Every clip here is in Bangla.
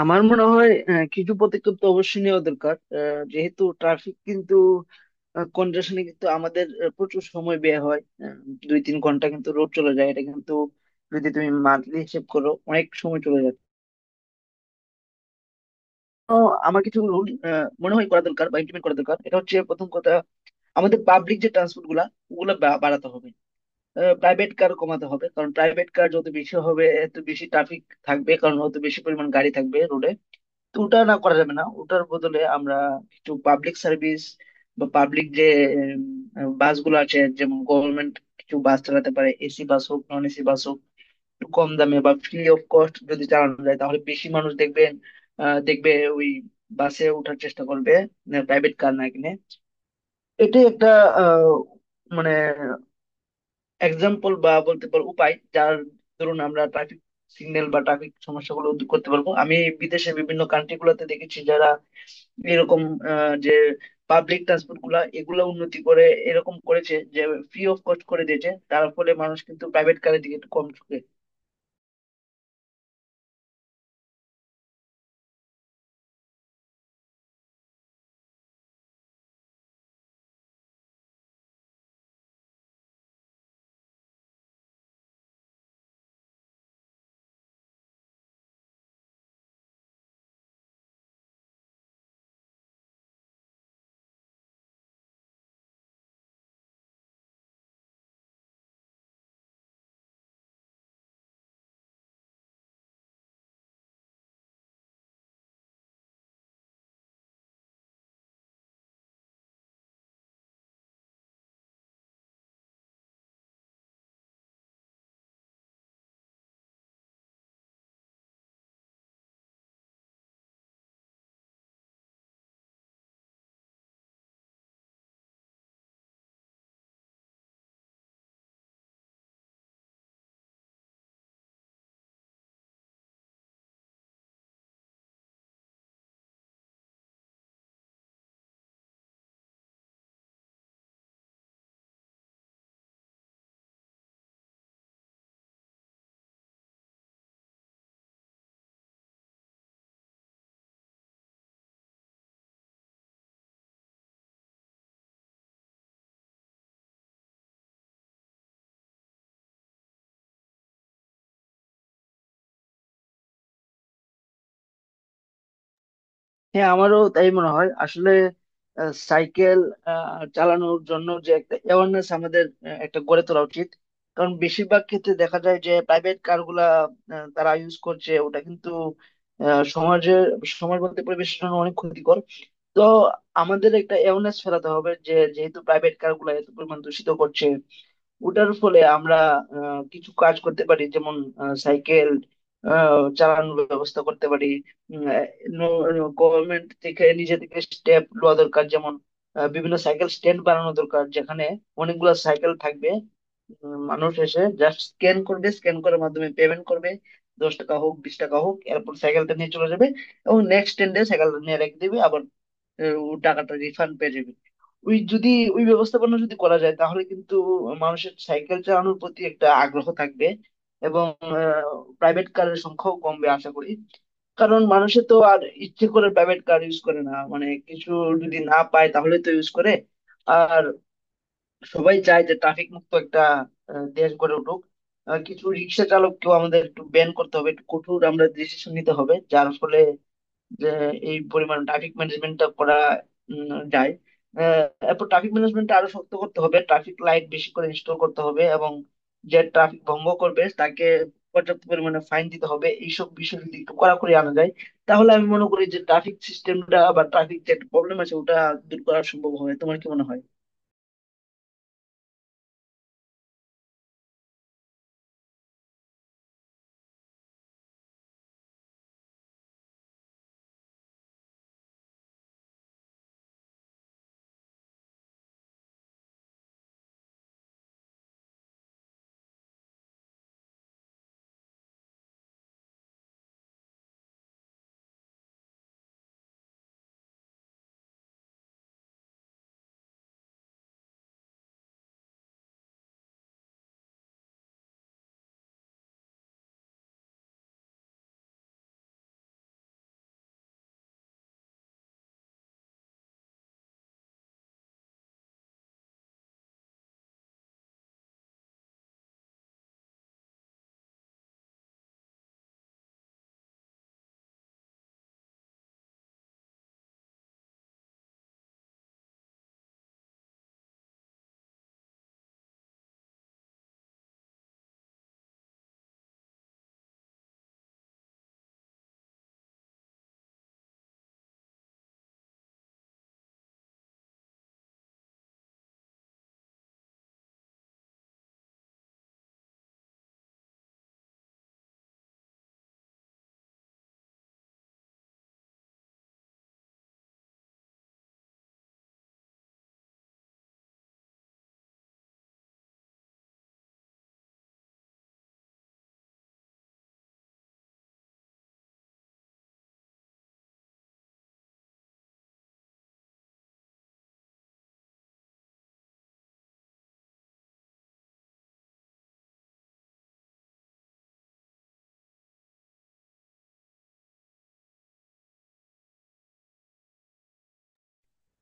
আমার মনে হয় কিছু পদক্ষেপ তো অবশ্যই নেওয়া দরকার, যেহেতু ট্রাফিক কিন্তু কনজেশনে কিন্তু আমাদের প্রচুর সময় ব্যয় হয়। আহ, 2-3 ঘন্টা কিন্তু রোড চলে যায় এটা কিন্তু, যদি তুমি মান্থলি হিসেব করো অনেক সময় চলে যায়। তো আমার কিছু রুল মনে হয় করা দরকার বা ইমপ্লিমেন্ট করা দরকার, এটা হচ্ছে প্রথম কথা। আমাদের পাবলিক যে ট্রান্সপোর্ট গুলা, ওগুলা বাড়াতে হবে, প্রাইভেট কার কমাতে হবে, কারণ প্রাইভেট কার যত বেশি হবে এত বেশি ট্রাফিক থাকবে, কারণ অত বেশি পরিমাণ গাড়ি থাকবে রোডে। তো ওটা না করা যাবে না, ওটার বদলে আমরা কিছু পাবলিক সার্ভিস বা পাবলিক যে বাসগুলো আছে, যেমন গভর্নমেন্ট কিছু বাস চালাতে পারে, এসি বাস হোক নন এসি বাস হোক, একটু কম দামে বা ফ্রি অফ কস্ট যদি চালানো যায় তাহলে বেশি মানুষ দেখবেন দেখবে ওই বাসে ওঠার চেষ্টা করবে প্রাইভেট কার না কিনে। এটাই একটা আহ, মানে এক্সাম্পল বা বলতে পারো উপায়, যার ধরুন আমরা ট্রাফিক সিগন্যাল বা ট্রাফিক সমস্যাগুলো দূর করতে পারবো। আমি বিদেশের বিভিন্ন কান্ট্রি গুলাতে দেখেছি যারা এরকম, যে পাবলিক ট্রান্সপোর্ট গুলা এগুলা উন্নতি করে এরকম করেছে যে ফ্রি অফ কস্ট করে দিয়েছে, তার ফলে মানুষ কিন্তু প্রাইভেট কারের দিকে একটু কম ঝুঁকে। হ্যাঁ, আমারও তাই মনে হয় আসলে। সাইকেল আহ, চালানোর জন্য যে একটা অ্যাওয়ারনেস আমাদের একটা গড়ে তোলা উচিত, কারণ বেশিরভাগ ক্ষেত্রে দেখা যায় যে প্রাইভেট কারগুলা তারা ইউজ করছে, ওটা কিন্তু সমাজের, সমাজ বলতে পরিবেশের জন্য অনেক ক্ষতিকর। তো আমাদের একটা অ্যাওয়ারনেস ফেলাতে হবে যে যেহেতু প্রাইভেট কারগুলা এত পরিমাণ দূষিত করছে, ওটার ফলে আমরা কিছু কাজ করতে পারি, যেমন সাইকেল চালানোর ব্যবস্থা করতে পারি। গভর্নমেন্ট থেকে নিজে থেকে স্টেপ নেওয়া দরকার, যেমন বিভিন্ন সাইকেল স্ট্যান্ড বানানো দরকার যেখানে অনেকগুলো সাইকেল থাকবে, মানুষ এসে জাস্ট স্ক্যান করবে, স্ক্যান করার মাধ্যমে পেমেন্ট করবে, 10 টাকা হোক 20 টাকা হোক, এরপর সাইকেলটা নিয়ে চলে যাবে এবং নেক্সট স্ট্যান্ডে সাইকেলটা নিয়ে রেখে দিবে, আবার ও টাকাটা রিফান্ড পেয়ে যাবে। ওই যদি ওই ব্যবস্থাপনা যদি করা যায় তাহলে কিন্তু মানুষের সাইকেল চালানোর প্রতি একটা আগ্রহ থাকবে এবং প্রাইভেট কারের সংখ্যাও কমবে আশা করি। কারণ মানুষে তো আর ইচ্ছে করে প্রাইভেট কার ইউজ করে না, মানে কিছু যদি না পায় তাহলে তো ইউজ করে। আর সবাই চায় যে ট্রাফিক মুক্ত একটা দেশ গড়ে উঠুক। কিছু রিক্সা চালককেও আমাদের একটু ব্যান করতে হবে, একটু কঠোর আমরা ডিসিশন নিতে হবে, যার ফলে যে এই পরিমাণ ট্রাফিক ম্যানেজমেন্টটা করা যায়। আহ, এরপর ট্রাফিক ম্যানেজমেন্টটা আরো শক্ত করতে হবে, ট্রাফিক লাইট বেশি করে ইনস্টল করতে হবে এবং যে ট্রাফিক ভঙ্গ করবে তাকে পর্যাপ্ত পরিমাণে ফাইন দিতে হবে। এইসব বিষয় যদি একটু কড়াকড়ি আনা যায় তাহলে আমি মনে করি যে ট্রাফিক সিস্টেমটা বা ট্রাফিক যে প্রবলেম আছে ওটা দূর করা সম্ভব হবে। তোমার কি মনে হয়?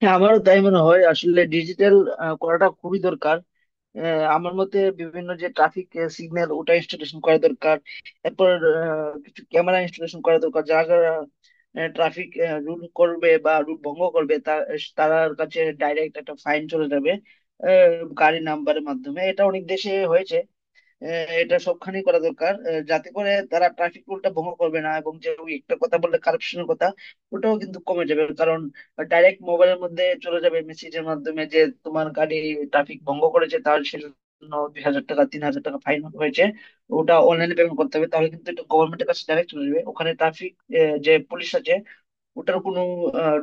হ্যাঁ, আমারও তাই মনে হয় আসলে। ডিজিটাল করাটা খুবই দরকার। আমার মতে বিভিন্ন যে ট্রাফিক সিগন্যাল ওটা ইনস্টলেশন করা দরকার, এরপর কিছু ক্যামেরা ইনস্টলেশন করা দরকার, যারা যারা ট্রাফিক রুল করবে বা রুল ভঙ্গ করবে তার তার কাছে ডাইরেক্ট একটা ফাইন চলে যাবে, আহ, গাড়ি নাম্বারের মাধ্যমে। এটা অনেক দেশে হয়েছে, এটা সবখানেই করা দরকার, যাতে করে তারা ট্রাফিক রুলটা ভঙ্গ করবে না, এবং যে ওই একটা কথা বললে কারাপশনের কথা, ওটাও কিন্তু কমে যাবে, কারণ ডাইরেক্ট মোবাইলের মধ্যে চলে যাবে মেসেজের মাধ্যমে যে তোমার গাড়ি ট্রাফিক ভঙ্গ করেছে, তার সেজন্য 2,000 টাকা 3,000 টাকা ফাইন হয়েছে, ওটা অনলাইনে পেমেন্ট করতে হবে। তাহলে কিন্তু এটা গভর্নমেন্টের কাছে ডাইরেক্ট চলে যাবে, ওখানে ট্রাফিক যে পুলিশ আছে ওটার কোনো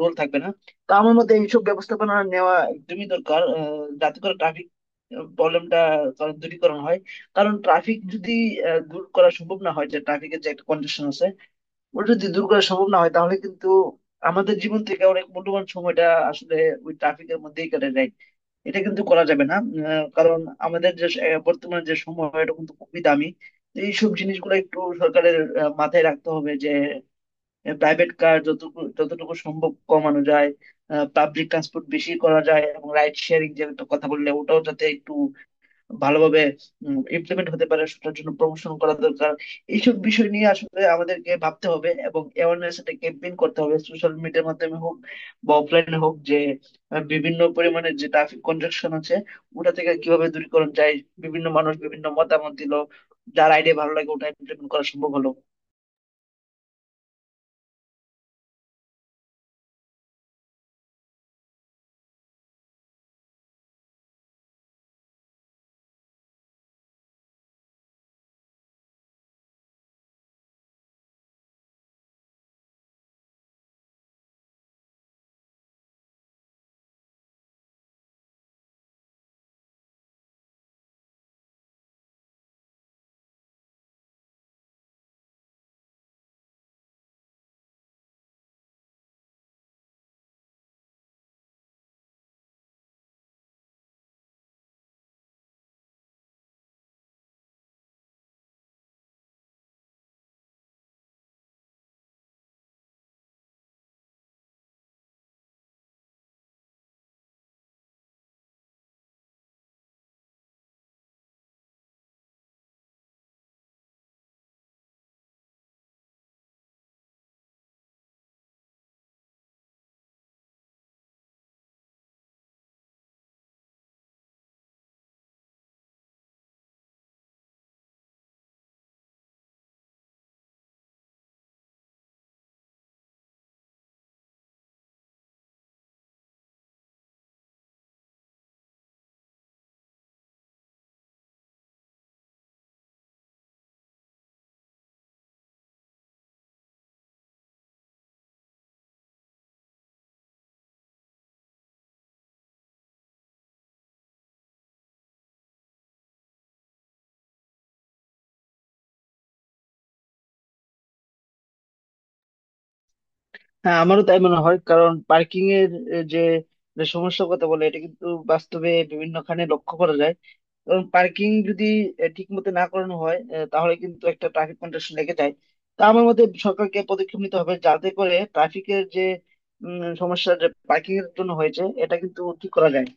রোল থাকবে না। তো আমার মতে এইসব ব্যবস্থাপনা নেওয়া একদমই দরকার, যাতে করে ট্রাফিক প্রবলেমটা দূরীকরণ হয়। কারণ ট্রাফিক যদি দূর করা সম্ভব না হয়, যে ট্রাফিকের যে একটা কন্ডিশন আছে ওটা যদি দূর করা সম্ভব না হয় তাহলে কিন্তু আমাদের জীবন থেকে অনেক মূল্যবান সময়টা আসলে ওই ট্রাফিকের মধ্যেই কেটে যায়। এটা কিন্তু করা যাবে না, কারণ আমাদের যে বর্তমান যে সময় এটা কিন্তু খুবই দামি। তো এইসব জিনিসগুলো একটু সরকারের মাথায় রাখতে হবে, যে প্রাইভেট কার যতটুকু যতটুকু সম্ভব কমানো যায়, পাবলিক ট্রান্সপোর্ট বেশি করা যায় এবং রাইড শেয়ারিং যে একটা কথা বললে ওটাও যাতে একটু ভালোভাবে ইমপ্লিমেন্ট হতে পারে সেটার জন্য প্রমোশন করা দরকার। এইসব বিষয় নিয়ে আসলে আমাদেরকে ভাবতে হবে এবং অ্যাওয়ারনেস একটা ক্যাম্পেইন করতে হবে, সোশ্যাল মিডিয়ার মাধ্যমে হোক বা অফলাইনে হোক, যে বিভিন্ন পরিমাণে যে ট্রাফিক কনজাকশন আছে ওটা থেকে কিভাবে দূরীকরণ যায়, বিভিন্ন মানুষ বিভিন্ন মতামত দিল, যার আইডিয়া ভালো লাগে ওটা ইমপ্লিমেন্ট করা সম্ভব হলো। হ্যাঁ, আমারও তাই মনে হয়, কারণ পার্কিং এর যে যে সমস্যার কথা বলে এটা কিন্তু বাস্তবে বিভিন্নখানে লক্ষ্য করা যায়। কারণ পার্কিং যদি ঠিক মতো না করানো হয় তাহলে কিন্তু একটা ট্রাফিক কন্ডিশন লেগে যায়। তা আমার মতে সরকারকে পদক্ষেপ নিতে হবে যাতে করে ট্রাফিকের যে সমস্যা যে পার্কিং এর জন্য হয়েছে এটা কিন্তু ঠিক করা যায়।